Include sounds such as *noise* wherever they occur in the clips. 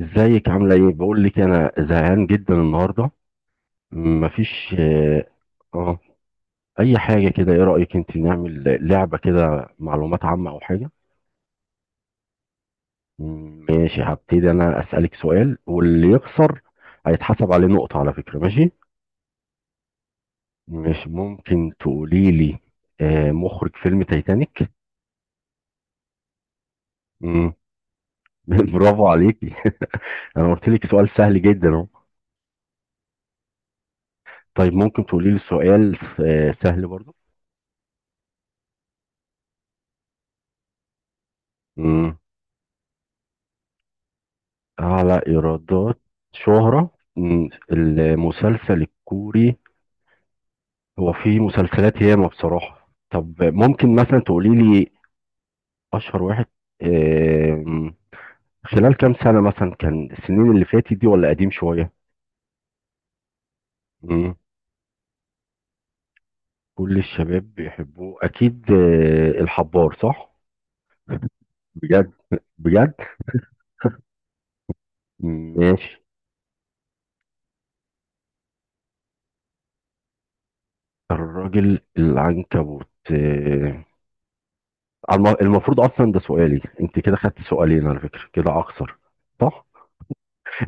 ازيك عاملة ايه؟ بقول لك انا زهقان جدا النهاردة. مفيش. اه. آه، اي حاجة كده، ايه رأيك انت نعمل لعبة كده معلومات عامة او حاجة؟ ماشي، هبتدي انا اسألك سؤال، واللي يخسر هيتحسب عليه نقطة على فكرة، ماشي؟ مش ممكن تقولي لي مخرج فيلم تايتانيك؟ مم، *laughs* برافو عليكي *laughs* انا قلت لك سؤال سهل جدا اهو. طيب ممكن تقولي لي سؤال سهل برضه؟ أعلى إيرادات. شهرة. المسلسل الكوري، هو في مسلسلات ياما بصراحة. طب ممكن مثلا تقولي لي أشهر واحد. آم، خلال كام سنة مثلا، كان السنين اللي فاتت دي ولا قديم شوية؟ مم، كل الشباب بيحبوه أكيد. الحبار، صح؟ بجد بجد. ماشي. الراجل العنكبوت. المفروض أصلا ده سؤالي، أنت كده خدت سؤالين على فكرة، كده أقصر، صح.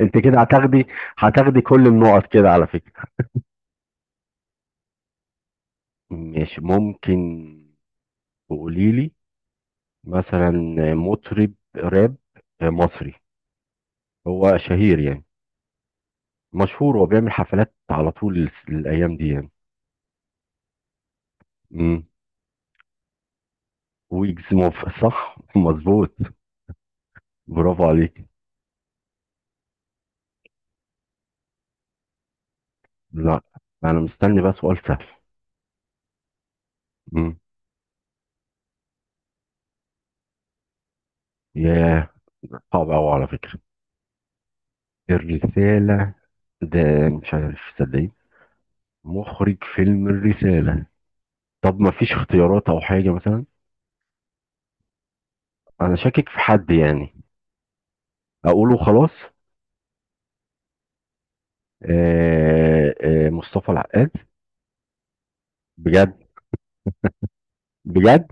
انت كده هتاخدي كل النقط كده على فكرة. ماشي، ممكن تقولي لي مثلا مطرب راب مصري، هو شهير يعني، مشهور وبيعمل حفلات على طول الايام دي يعني. امم ويجز صح، مظبوط، برافو عليك. لا، انا مستني بقى سؤال سهل. امم ياه، صعب قوي على فكرة الرسالة ده، مش عارف صدقني مخرج فيلم الرسالة. طب ما فيش اختيارات او حاجة مثلا؟ انا شاكك في حد يعني، اقوله خلاص؟ مصطفى العقاد. بجد بجد.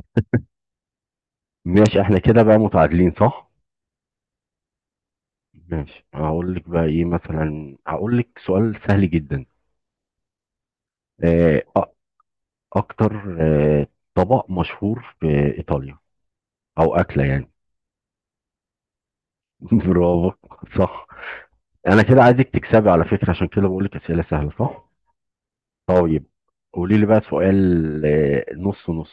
ماشي، احنا كده بقى متعادلين، صح. ماشي، هقول لك بقى ايه مثلا، هقول لك سؤال سهل جدا. آه، أ- اكتر آه، طبق مشهور في ايطاليا، او اكله يعني. *laughs* برافو، صح. انا كده عايزك تكسبي على فكره، عشان كده بقول لك اسئله سهله، صح. طيب قولي لي بقى سؤال نص نص.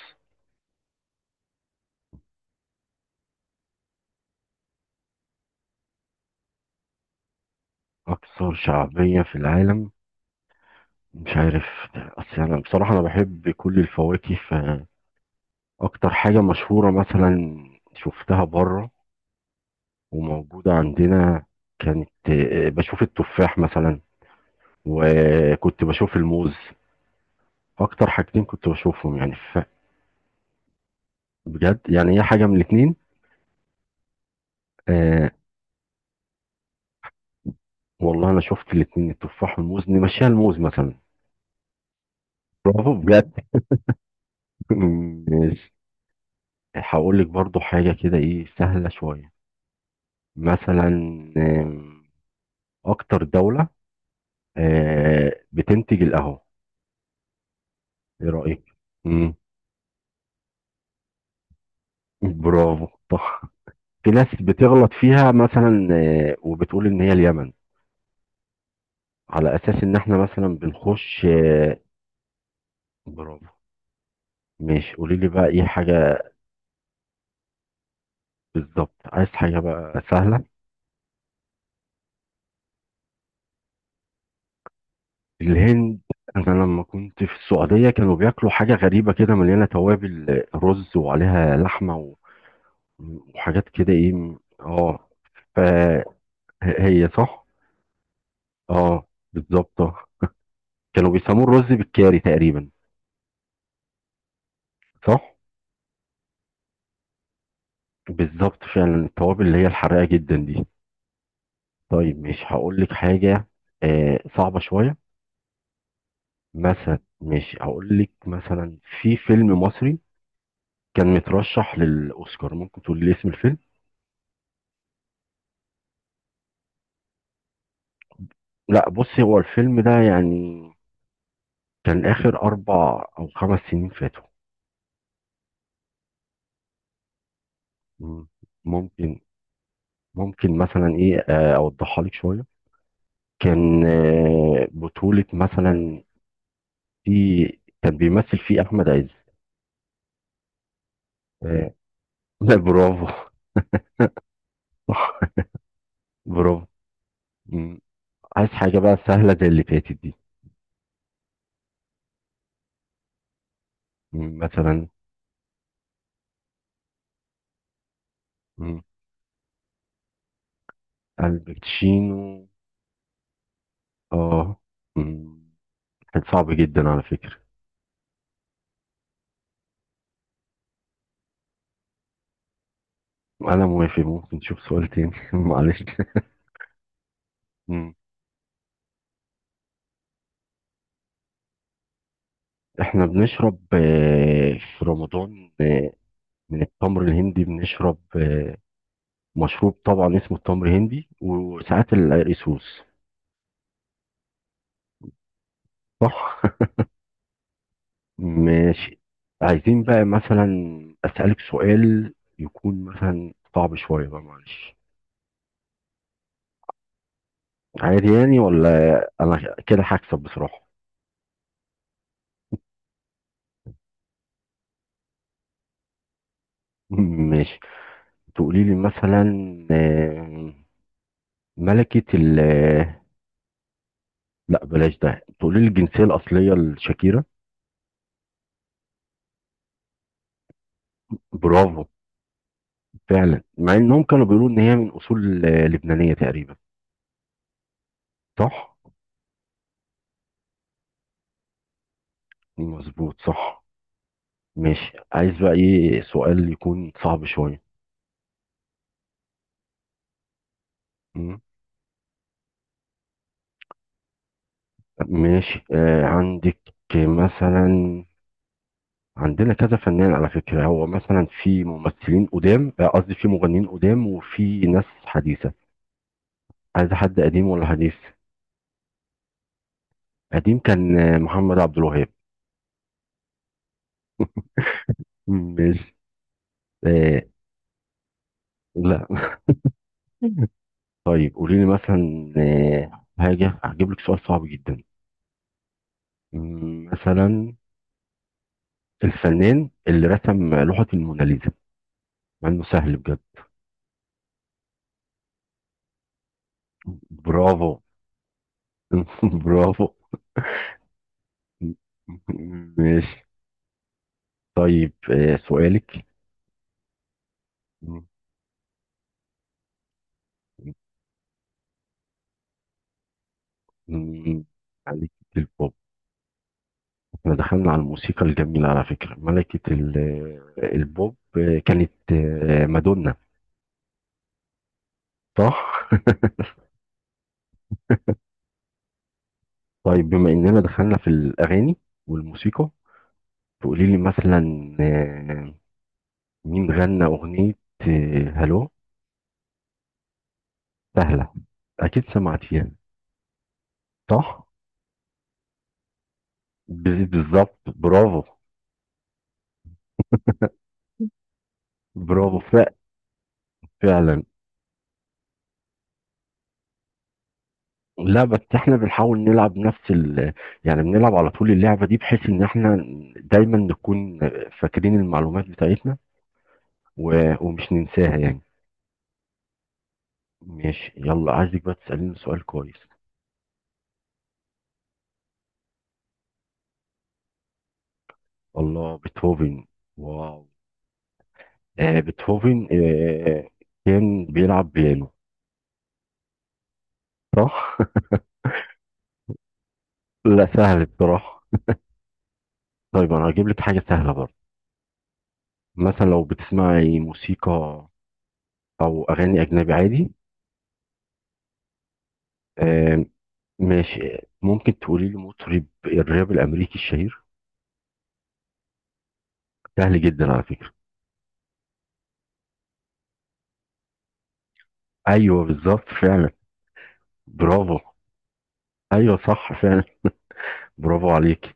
اكثر شعبيه في العالم؟ مش عارف، اصل انا بصراحه انا بحب كل الفواكه، فاكتر حاجه مشهوره مثلا شفتها بره وموجوده عندنا، كانت بشوف التفاح مثلا، وكنت بشوف الموز، اكتر حاجتين كنت بشوفهم يعني بجد يعني هي حاجه من الاتنين. آه والله، انا شفت الاتنين التفاح والموز، نمشيها الموز مثلا. برافو بجد. *laughs* ماشي. هقول لك برضو حاجه كده ايه سهله شويه مثلا. آم، اكتر دوله بتنتج القهوة، ايه رأيك؟ مم. برافو، صح. في ناس بتغلط فيها مثلا وبتقول ان هي اليمن، على اساس ان احنا مثلا بنخش برافو. ماشي، قولي لي بقى ايه حاجة، بالظبط عايز حاجة بقى سهلة. الهند؟ انا لما كنت في السعودية كانوا بياكلوا حاجة غريبة كده مليانة توابل رز وعليها لحمة وحاجات كده ايه اه، فهي صح. اه، بالظبط، كانوا بيسموه الرز بالكاري تقريبا، صح. بالظبط، فعلا التوابل اللي هي الحراقه جدا دي. طيب مش هقول لك حاجه صعبه شويه. مثلا مش هقول لك، مثلا في فيلم مصري كان مترشح للاوسكار، ممكن تقول لي اسم الفيلم؟ لا بصي، هو الفيلم ده يعني كان اخر اربع او خمس سنين فاتوا. مم. ممكن ممكن مثلا، ايه، اوضحها لك شويه، كان بطوله مثلا، في، كان بيمثل فيه احمد عز. آه، *laughs* برافو، صح، برافو. مم. عايز حاجة بقى سهلة زي اللي فاتت دي. مم، مثلا. مم. الباتشينو؟ اه. مم. كان صعب جدا على فكرة. أنا موافق، ممكن نشوف سؤال تاني *laughs* معلش. مم. احنا بنشرب في رمضان من التمر الهندي، بنشرب مشروب، طبعا اسمه التمر الهندي، وساعات القريسوس. صح. ماشي، عايزين بقى مثلا أسألك سؤال يكون مثلا صعب شوية بقى، معلش. عادي يعني، ولا أنا كده هكسب بصراحة. *laughs* ماشي، تقولي لي مثلا آه، ملكة ال آه، لا بلاش ده، تقولي لي الجنسية الأصلية لشاكيرا. برافو، فعلا، مع إنهم كانوا بيقولوا إن هي من أصول لبنانية تقريبا، صح مظبوط، صح. ماشي، عايز بقى إيه سؤال يكون صعب شوية. ماشي. عندك مثلا، عندنا كذا فنان على فكرة، هو مثلا في ممثلين قدام قصدي في مغنيين قدام، وفي ناس حديثة. عايز حد قديم ولا حديث؟ قديم كان محمد عبد الوهاب. ماشي. آه، لا. *laughs* طيب قولي لي مثلا حاجة، هجيب لك سؤال صعب جدا، مثلا الفنان اللي رسم لوحة الموناليزا، مع انه سهل بجد. برافو. *laughs* برافو. ماشي. طيب سؤالك. مم. مم، ملكة البوب. احنا دخلنا على الموسيقى الجميلة على فكرة. ملكة البوب كانت مادونا، صح؟ *laughs* طيب بما اننا دخلنا في الاغاني والموسيقى، تقولي لي مثلا آه، مين غنى اغنية هلو، سهلة، اكيد سمعتيها، صح؟ ب- بالظبط، برافو، برافو فعلا. لا بس احنا بنحاول نلعب نفس يعني، بنلعب على طول اللعبة دي، بحيث ان احنا دايما نكون فاكرين المعلومات بتاعتنا، و... ومش ننساها يعني. ماشي، يلا عايزك بقى تسأليني سؤال كويس. الله، بيتهوفن، واو. بيتهوفن كان بيلعب بيانو، صح؟ *laughs* لا سهل بصراحة. طيب انا هجيب لك حاجة سهلة برضه، مثلا لو بتسمعي موسيقى او اغاني اجنبي عادي. آه، ماشي، ممكن تقولي لي مطرب الراب الامريكي الشهير، سهل جدا على فكره. ايوه بالظبط، فعلا، برافو. ايوه صح فعلا، برافو عليك.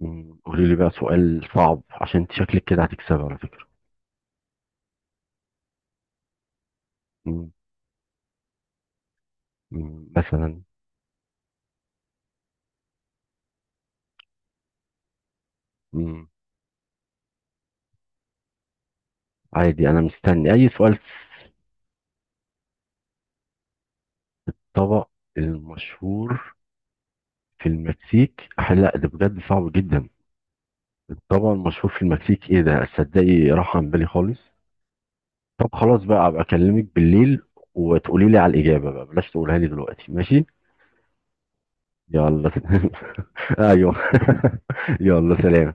قولي لي بقى سؤال صعب، عشان انت شكلك كده هتكسبي على فكره. مم، مثلا مم، عادي، انا مستني اي سؤال. في الطبق المشهور في المكسيك لا ده بجد صعب جدا، الطبق المشهور في المكسيك ايه ده، تصدقي راح عن بالي خالص. طب خلاص بقى، ابقى اكلمك بالليل وتقولي لي على الاجابه بقى، بلاش تقولها لي دلوقتي، ماشي. يلا. *laughs* ايوه. *laughs* يلا، سلام.